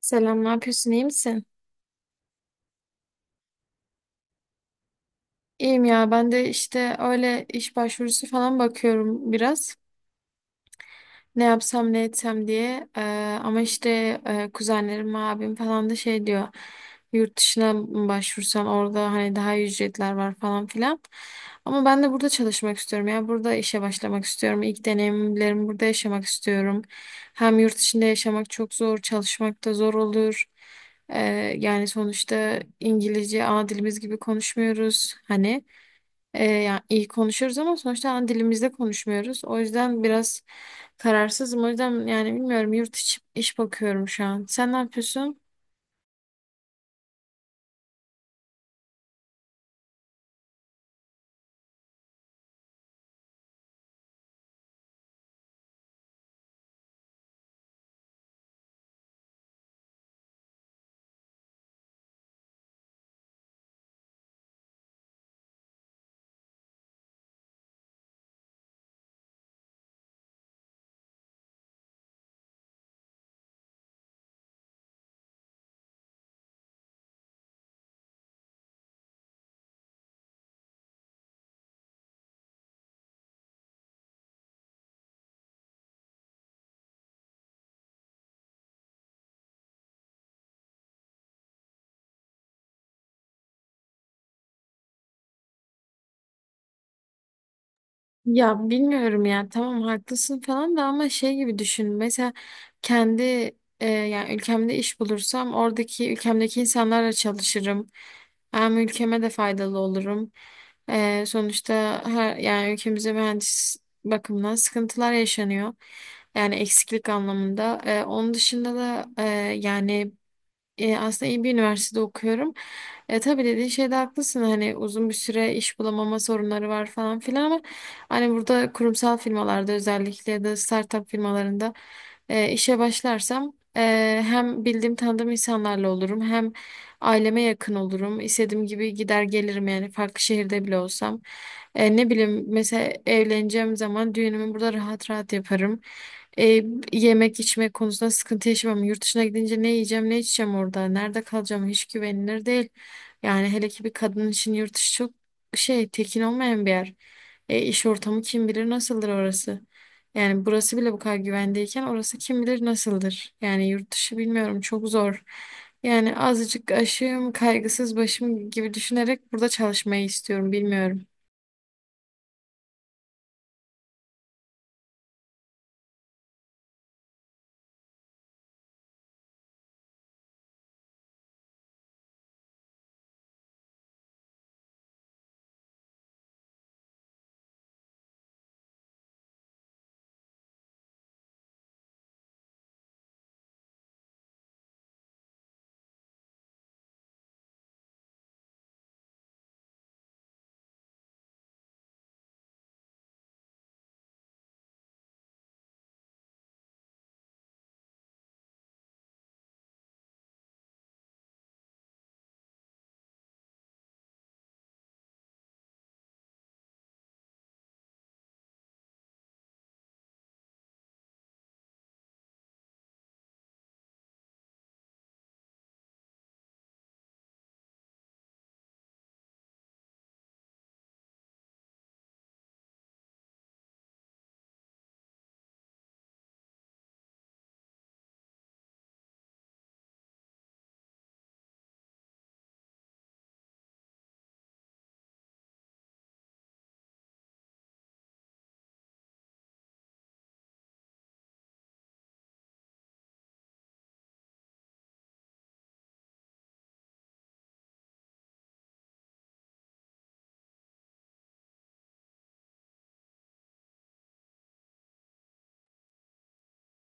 Selam, ne yapıyorsun? İyi misin? İyiyim ya. Ben de işte öyle iş başvurusu falan bakıyorum biraz. Ne yapsam ne etsem diye. Ama işte kuzenlerim, abim falan da şey diyor. Yurt dışına mı başvursan, orada hani daha iyi ücretler var falan filan. Ama ben de burada çalışmak istiyorum ya. Burada işe başlamak istiyorum. İlk deneyimlerimi burada yaşamak istiyorum. Hem yurt içinde yaşamak çok zor, çalışmak da zor olur. Ee, Yani sonuçta İngilizce ana dilimiz gibi konuşmuyoruz. Hani yani iyi konuşuyoruz ama sonuçta ana dilimizde konuşmuyoruz. O yüzden biraz kararsızım. O yüzden yani bilmiyorum, yurt içi iş bakıyorum şu an. Sen ne yapıyorsun? Ya bilmiyorum ya, tamam haklısın falan da ama şey gibi düşün, mesela kendi yani ülkemde iş bulursam oradaki ülkemdeki insanlarla çalışırım, hem ülkeme de faydalı olurum. Sonuçta her, yani ülkemizde mühendis bakımından sıkıntılar yaşanıyor, yani eksiklik anlamında. Onun dışında da yani aslında iyi bir üniversitede okuyorum. Tabii dediğin şeyde haklısın. Hani uzun bir süre iş bulamama sorunları var falan filan ama hani burada kurumsal firmalarda özellikle ya da startup firmalarında işe başlarsam hem bildiğim tanıdığım insanlarla olurum hem aileme yakın olurum. İstediğim gibi gider gelirim yani farklı şehirde bile olsam. Ne bileyim, mesela evleneceğim zaman düğünümü burada rahat rahat yaparım. E, Yemek içmek konusunda sıkıntı yaşamam. Yurt dışına gidince ne yiyeceğim, ne içeceğim orada, nerede kalacağım hiç güvenilir değil. Yani hele ki bir kadın için yurt dışı çok şey, tekin olmayan bir yer. İş ortamı kim bilir nasıldır orası. Yani burası bile bu kadar güvendeyken orası kim bilir nasıldır. Yani yurt dışı bilmiyorum, çok zor. Yani azıcık aşığım, kaygısız başım gibi düşünerek burada çalışmayı istiyorum, bilmiyorum.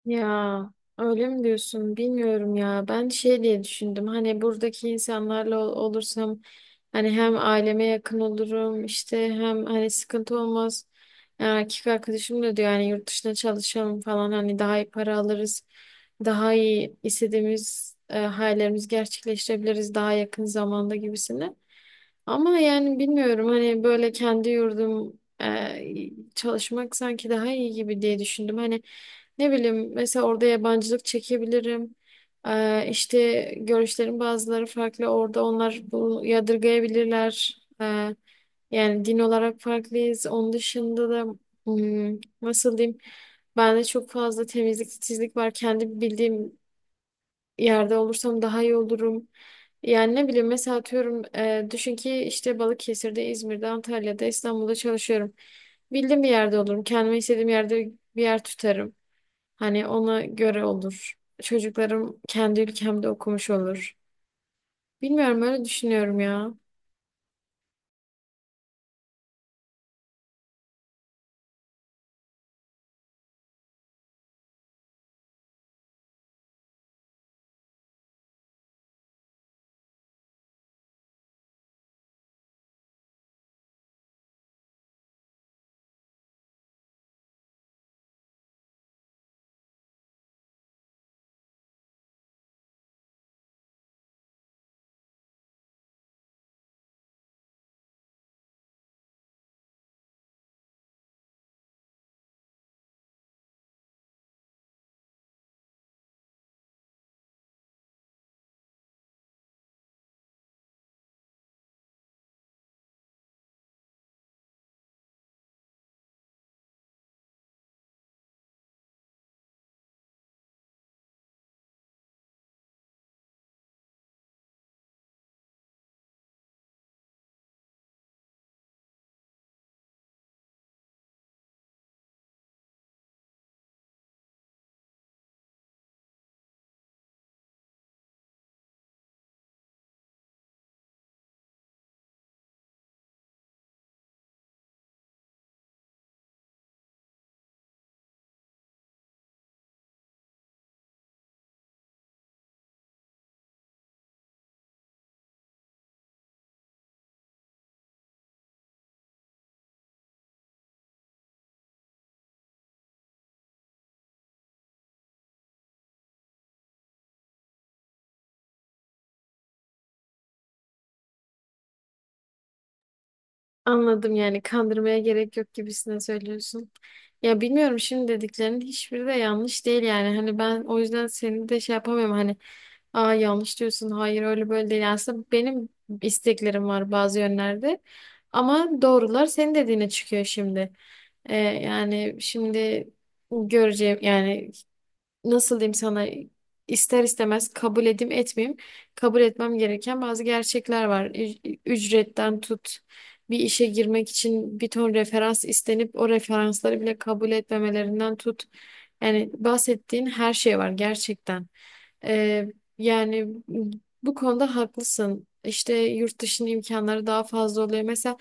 Ya öyle mi diyorsun? Bilmiyorum ya. Ben şey diye düşündüm. Hani buradaki insanlarla olursam hani hem aileme yakın olurum işte hem hani sıkıntı olmaz. Yani erkek arkadaşım da diyor, yani yurt dışına çalışalım falan, hani daha iyi para alırız. Daha iyi istediğimiz hayallerimizi gerçekleştirebiliriz daha yakın zamanda gibisine. Ama yani bilmiyorum, hani böyle kendi yurdum çalışmak sanki daha iyi gibi diye düşündüm. Hani ne bileyim, mesela orada yabancılık çekebilirim. İşte görüşlerin bazıları farklı orada, onlar bu yadırgayabilirler. Yani din olarak farklıyız. Onun dışında da nasıl diyeyim, bende çok fazla temizlik titizlik var. Kendi bildiğim yerde olursam daha iyi olurum. Yani ne bileyim, mesela atıyorum düşün ki işte Balıkesir'de, İzmir'de, Antalya'da, İstanbul'da çalışıyorum. Bildiğim bir yerde olurum. Kendime istediğim yerde bir yer tutarım. Hani ona göre olur. Çocuklarım kendi ülkemde okumuş olur. Bilmiyorum, öyle düşünüyorum ya. Anladım, yani kandırmaya gerek yok gibisine söylüyorsun. Ya bilmiyorum, şimdi dediklerinin hiçbiri de yanlış değil yani. Hani ben o yüzden seni de şey yapamıyorum. Hani aa yanlış diyorsun. Hayır öyle böyle değil. Yani aslında benim isteklerim var bazı yönlerde. Ama doğrular senin dediğine çıkıyor şimdi. Yani şimdi göreceğim yani, nasıl diyeyim sana, ister istemez kabul edeyim etmeyeyim, kabul etmem gereken bazı gerçekler var. Ücretten tut, bir işe girmek için bir ton referans istenip o referansları bile kabul etmemelerinden tut. Yani bahsettiğin her şey var gerçekten. Ee, Yani bu konuda haklısın. İşte yurt dışının imkanları daha fazla oluyor. Mesela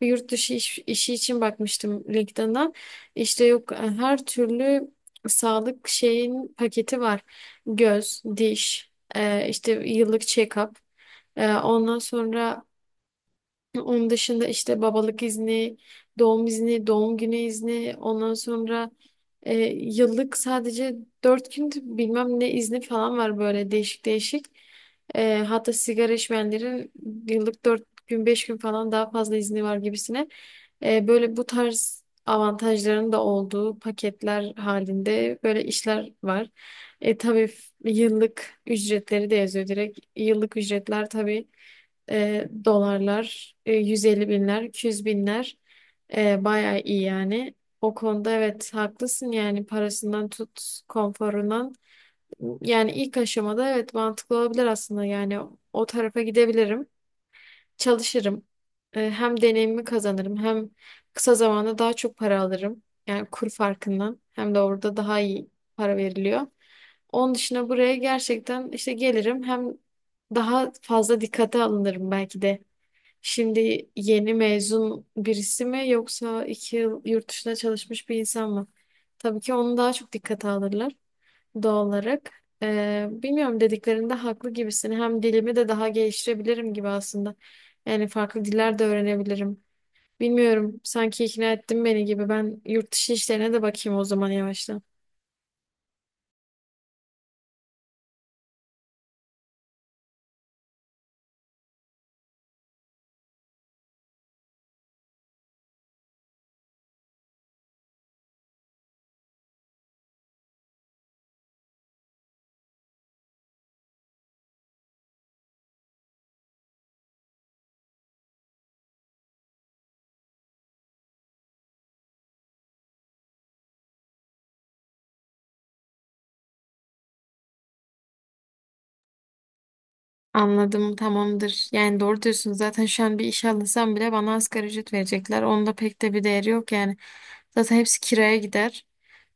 bir yurt dışı işi için bakmıştım LinkedIn'dan. İşte yok, her türlü sağlık şeyin paketi var. Göz, diş, işte yıllık check-up. Ondan sonra, onun dışında işte babalık izni, doğum izni, doğum günü izni, ondan sonra yıllık sadece dört gün bilmem ne izni falan var, böyle değişik değişik. Hatta sigara içmeyenlerin yıllık dört gün beş gün falan daha fazla izni var gibisine. Böyle bu tarz avantajların da olduğu paketler halinde böyle işler var. Tabii yıllık ücretleri de yazıyor direkt. Yıllık ücretler tabii. Dolarlar, 150 binler, 200 binler, bayağı iyi yani. O konuda evet haklısın, yani parasından tut, konforundan. Yani ilk aşamada evet mantıklı olabilir aslında, yani o tarafa gidebilirim. Çalışırım. Hem deneyimi kazanırım hem kısa zamanda daha çok para alırım. Yani kur farkından, hem de orada daha iyi para veriliyor. Onun dışında buraya gerçekten işte gelirim, hem daha fazla dikkate alınırım belki de. Şimdi yeni mezun birisi mi yoksa iki yıl yurt dışında çalışmış bir insan mı? Tabii ki onu daha çok dikkate alırlar, doğal olarak. Bilmiyorum, dediklerinde haklı gibisin. Hem dilimi de daha geliştirebilirim gibi aslında. Yani farklı diller de öğrenebilirim. Bilmiyorum, sanki ikna ettin beni gibi. Ben yurt dışı işlerine de bakayım o zaman yavaştan. Anladım, tamamdır. Yani doğru diyorsun, zaten şu an bir iş alınsam bile bana asgari ücret verecekler. Onda pek de bir değeri yok yani. Zaten hepsi kiraya gider.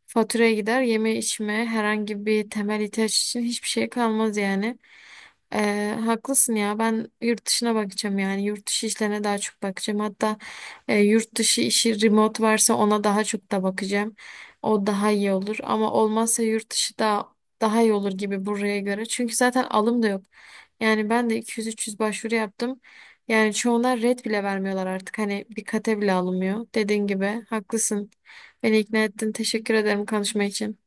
Faturaya gider, yeme içme, herhangi bir temel ihtiyaç için hiçbir şey kalmaz yani. Haklısın ya, ben yurt dışına bakacağım, yani yurt dışı işlerine daha çok bakacağım. Hatta yurt dışı işi remote varsa ona daha çok da bakacağım. O daha iyi olur ama olmazsa yurt dışı da daha iyi olur gibi buraya göre. Çünkü zaten alım da yok. Yani ben de 200-300 başvuru yaptım. Yani çoğuna red bile vermiyorlar artık. Hani bir kate bile alınmıyor. Dediğin gibi haklısın. Beni ikna ettin. Teşekkür ederim konuşma için.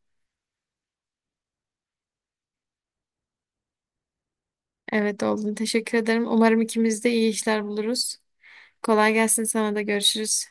Evet oldun. Teşekkür ederim. Umarım ikimiz de iyi işler buluruz. Kolay gelsin, sana da görüşürüz.